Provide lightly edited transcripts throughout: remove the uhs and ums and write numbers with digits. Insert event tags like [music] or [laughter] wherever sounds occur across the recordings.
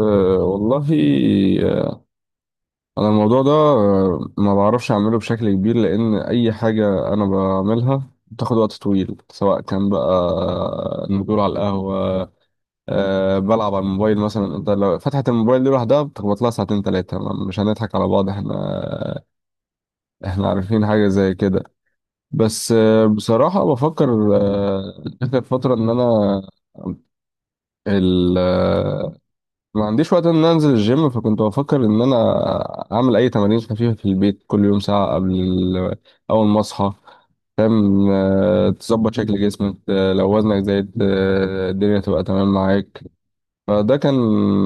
أه والله. آه، أنا الموضوع ده ما بعرفش أعمله بشكل كبير، لأن أي حاجة أنا بعملها بتاخد وقت طويل سواء كان بقى نزول على القهوة، بلعب على الموبايل مثلا. أنت لو فتحت الموبايل دي لوحدها بتخبط لها ساعتين تلاتة. مش هنضحك على بعض، احنا عارفين حاجة زي كده. بس بصراحة بفكر آخر فترة إن أنا ال- ما عنديش وقت ان أنا انزل الجيم، فكنت بفكر ان انا اعمل اي تمارين خفيفه في البيت كل يوم ساعه قبل اول ما اصحى، فاهم؟ تظبط شكل جسمك، لو وزنك زايد الدنيا تبقى تمام معاك. فده كان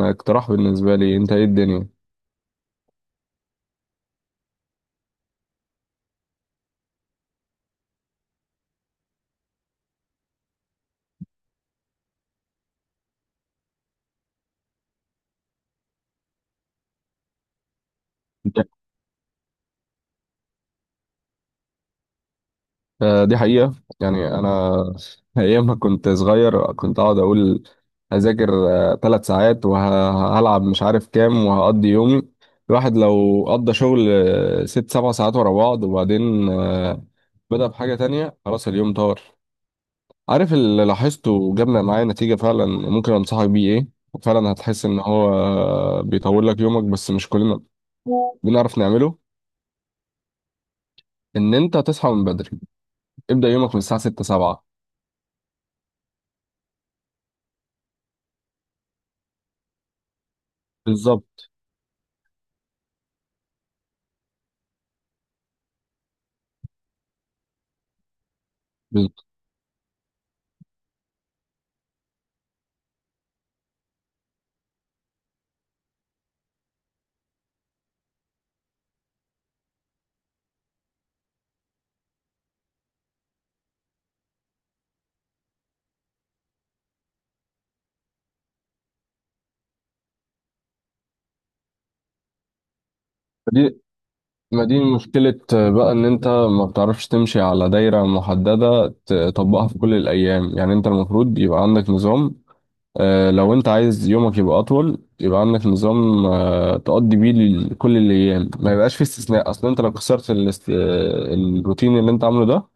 اقتراح بالنسبه لي، انت ايه الدنيا؟ دي حقيقة. يعني أنا أيام ما كنت صغير كنت أقعد أقول هذاكر 3 ساعات وهلعب مش عارف كام وهقضي يومي. الواحد لو قضى شغل 6 7 ساعات ورا بعض وبعدين بدأ بحاجة تانية، خلاص اليوم طار. عارف اللي لاحظته وجابنا معايا نتيجة فعلا ممكن أنصحك بيه إيه، وفعلا هتحس إن هو بيطول لك يومك، بس مش كلنا بنعرف نعمله؟ ان انت تصحى من بدري، ابدا يومك من الساعه 6 7. بالظبط. ما دي ما دي مشكلة بقى، إن أنت ما بتعرفش تمشي على دايرة محددة تطبقها في كل الأيام. يعني أنت المفروض يبقى عندك نظام، لو أنت عايز يومك يبقى أطول يبقى عندك نظام تقضي بيه كل الأيام، ما يبقاش فيه استثناء. أصل أنت لو كسرت الروتين اللي أنت عامله ده،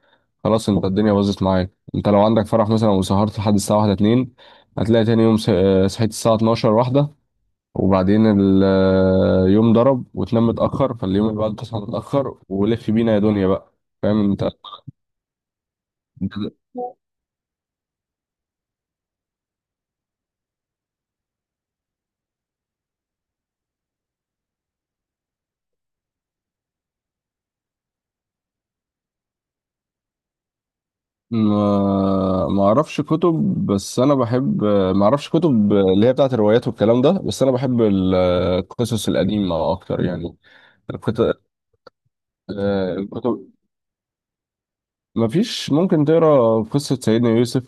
خلاص أنت الدنيا باظت معاك. أنت لو عندك فرح مثلا وسهرت لحد الساعة واحدة اتنين، هتلاقي تاني يوم صحيت الساعة 12 واحدة، وبعدين اليوم ضرب، وتنام متأخر فاليوم اللي بعده تصحى متأخر، ولف بينا يا دنيا بقى، فاهم انت؟ ما اعرفش كتب بس انا بحب، ما اعرفش كتب اللي هي بتاعت الروايات والكلام ده، بس انا بحب القصص القديمة اكتر يعني. الكت- الكتب، مفيش ممكن تقرا قصة سيدنا يوسف.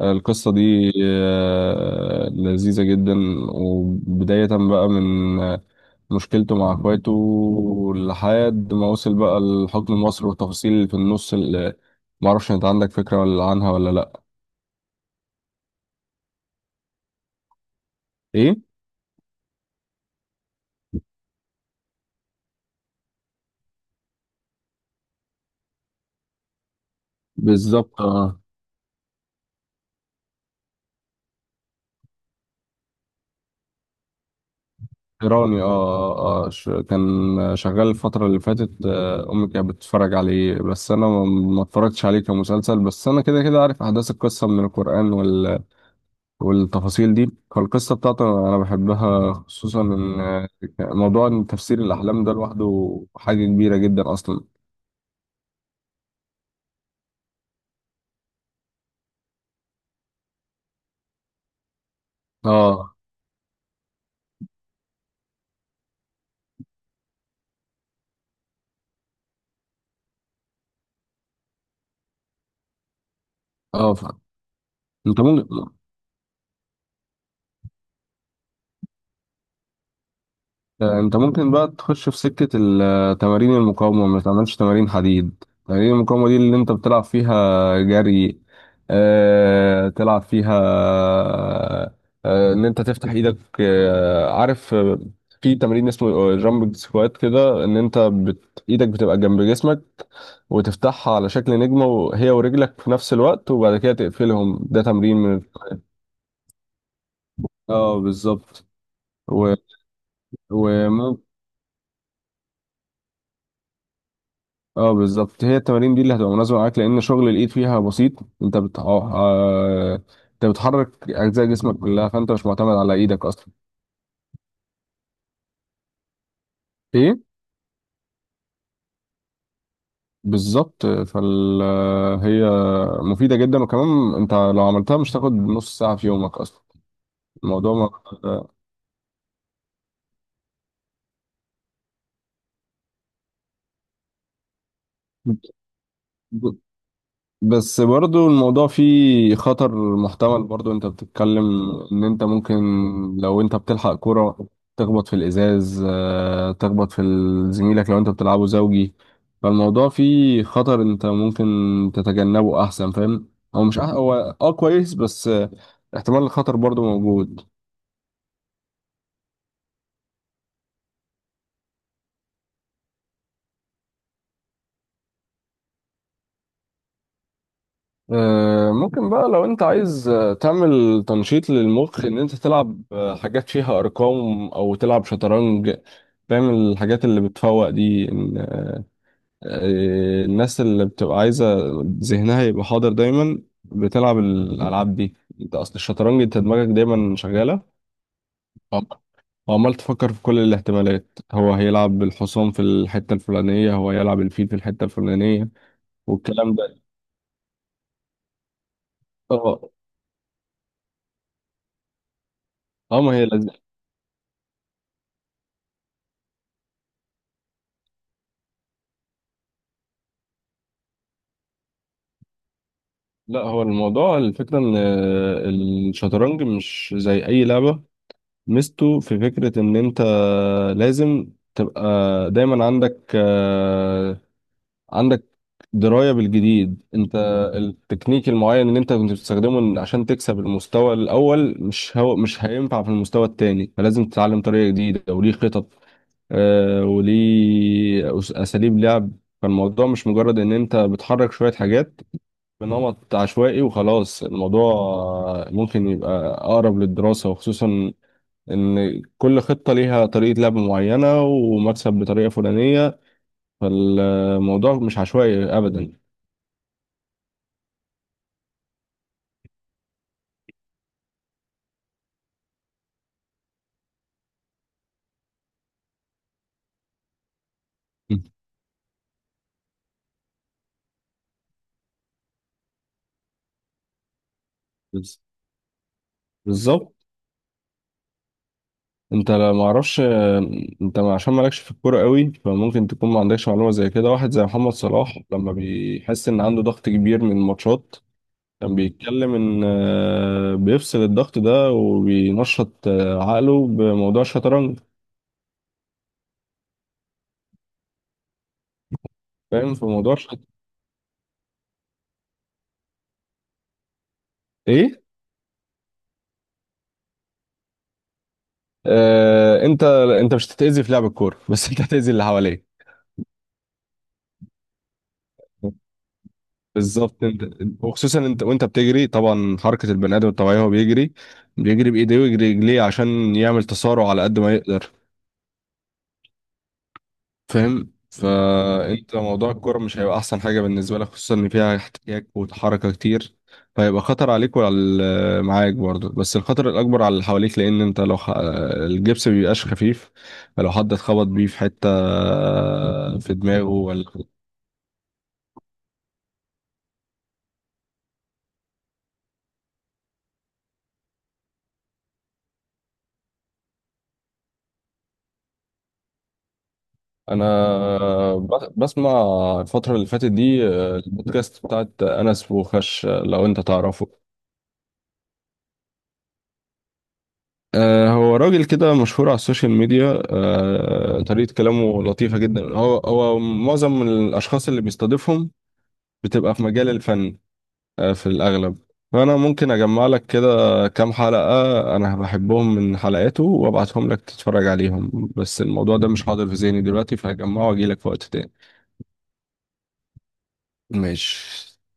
القصة دي لذيذة جدا، وبداية بقى من مشكلته مع اخواته لحد ما وصل بقى لحكم مصر، والتفاصيل اللي في النص اللي معرفش انت عندك فكرة ولا عنها ولا لأ. ايه؟ بالظبط. اه، ايراني، اه، كان شغال الفترة اللي فاتت، امي كانت بتتفرج عليه، بس انا ما اتفرجتش عليه كمسلسل، بس انا كده كده عارف احداث القصة من القرآن والتفاصيل دي. فالقصة بتاعته أنا بحبها، خصوصا إن موضوع إن تفسير الأحلام ده لوحده حاجة كبيرة جدا أصلا. اه اه. انت ممكن انت ممكن بقى تخش في سكة تمارين المقاومة، ما تعملش تمارين حديد، تمارين المقاومة دي اللي انت بتلعب فيها جري، اه، تلعب فيها، اه، ان انت تفتح ايدك، اه، عارف في تمرين اسمه جامب سكوات كده، ان انت ايدك بتبقى جنب جسمك وتفتحها على شكل نجمة، وهي ورجلك في نفس الوقت، وبعد كده تقفلهم. ده تمرين من، اه، بالظبط. و... وممكن، اه، بالظبط، هي التمارين دي اللي هتبقى مناسبه معاك لان شغل الايد فيها بسيط. انت بت... اه آه، انت بتحرك اجزاء جسمك كلها، فانت مش معتمد على ايدك اصلا. ايه؟ بالظبط. فال هي مفيده جدا، وكمان انت لو عملتها مش تاخد نص ساعه في يومك اصلا. الموضوع، ما، بس برضو الموضوع فيه خطر محتمل برضو، انت بتتكلم ان انت ممكن لو انت بتلحق كرة تخبط في الازاز تخبط في زميلك لو انت بتلعبه زوجي. فالموضوع فيه خطر انت ممكن تتجنبه احسن، فاهم. هو مش هو اه كويس، بس احتمال الخطر برضو موجود. ممكن بقى لو انت عايز تعمل تنشيط للمخ، ان انت تلعب حاجات فيها ارقام او تلعب شطرنج، فاهم الحاجات اللي بتفوق دي؟ إن، آه، الناس اللي بتبقى عايزة ذهنها يبقى حاضر دايما بتلعب الالعاب دي. انت اصل الشطرنج، انت دماغك دايما شغالة عم- وعمال تفكر في كل الاحتمالات، هو هيلعب الحصان في الحتة الفلانية، هو هيلعب الفيل في الحتة الفلانية والكلام ده. اه اه. ما هي، لا، هو الموضوع الفكرة ان الشطرنج مش زي اي لعبة، ميزته في فكرة ان انت لازم تبقى دايما عندك دراية بالجديد. انت التكنيك المعين اللي انت كنت بتستخدمه عشان تكسب المستوى الاول، مش، هو مش هينفع في المستوى التاني، فلازم تتعلم طريقة جديدة وليه خطط وليه اساليب لعب. فالموضوع مش مجرد ان انت بتحرك شوية حاجات بنمط عشوائي وخلاص، الموضوع ممكن يبقى أقرب للدراسة، وخصوصا إن كل خطة ليها طريقة لعب معينة ومكسب بطريقة فلانية، فالموضوع مش عشوائي أبدا. مم. بز- بالظبط. أنت لا معرفش أنت عشان مالكش في الكورة قوي فممكن تكون ما عندكش معلومة زي كده، واحد زي محمد صلاح لما بيحس إن عنده ضغط كبير من الماتشات، كان بيتكلم إن بيفصل الضغط ده وبينشط عقله بموضوع الشطرنج، فاهم؟ في موضوع ايه؟ آه انت انت مش هتتاذي في لعب الكوره [laughs] بس انت هتاذي اللي حواليك. بالظبط، انت، وخصوصا انت وانت بتجري، طبعا حركه البني ادم الطبيعي هو بيجري بايديه ويجري رجليه عشان يعمل تسارع على قد ما يقدر، فاهم؟ فانت موضوع الكرة مش هيبقى احسن حاجة بالنسبة لك، خصوصا ان فيها احتكاك وحركة كتير، فهيبقى خطر عليك وعلى معاك برضه، بس الخطر الاكبر على اللي حواليك، لان انت لو الجبس مبيبقاش خفيف، فلو حد اتخبط بيه في حتة في دماغه ولا. انا بسمع الفترة اللي فاتت دي البودكاست بتاعت انس وخش، لو انت تعرفه، هو راجل كده مشهور على السوشيال ميديا، طريقة كلامه لطيفة جدا. هو معظم الأشخاص اللي بيستضيفهم بتبقى في مجال الفن في الأغلب. فأنا ممكن أجمع لك كده كام حلقة أنا بحبهم من حلقاته وأبعتهم لك تتفرج عليهم، بس الموضوع ده مش حاضر في ذهني دلوقتي، فهجمعه وأجيلك في وقت تاني. ماشي.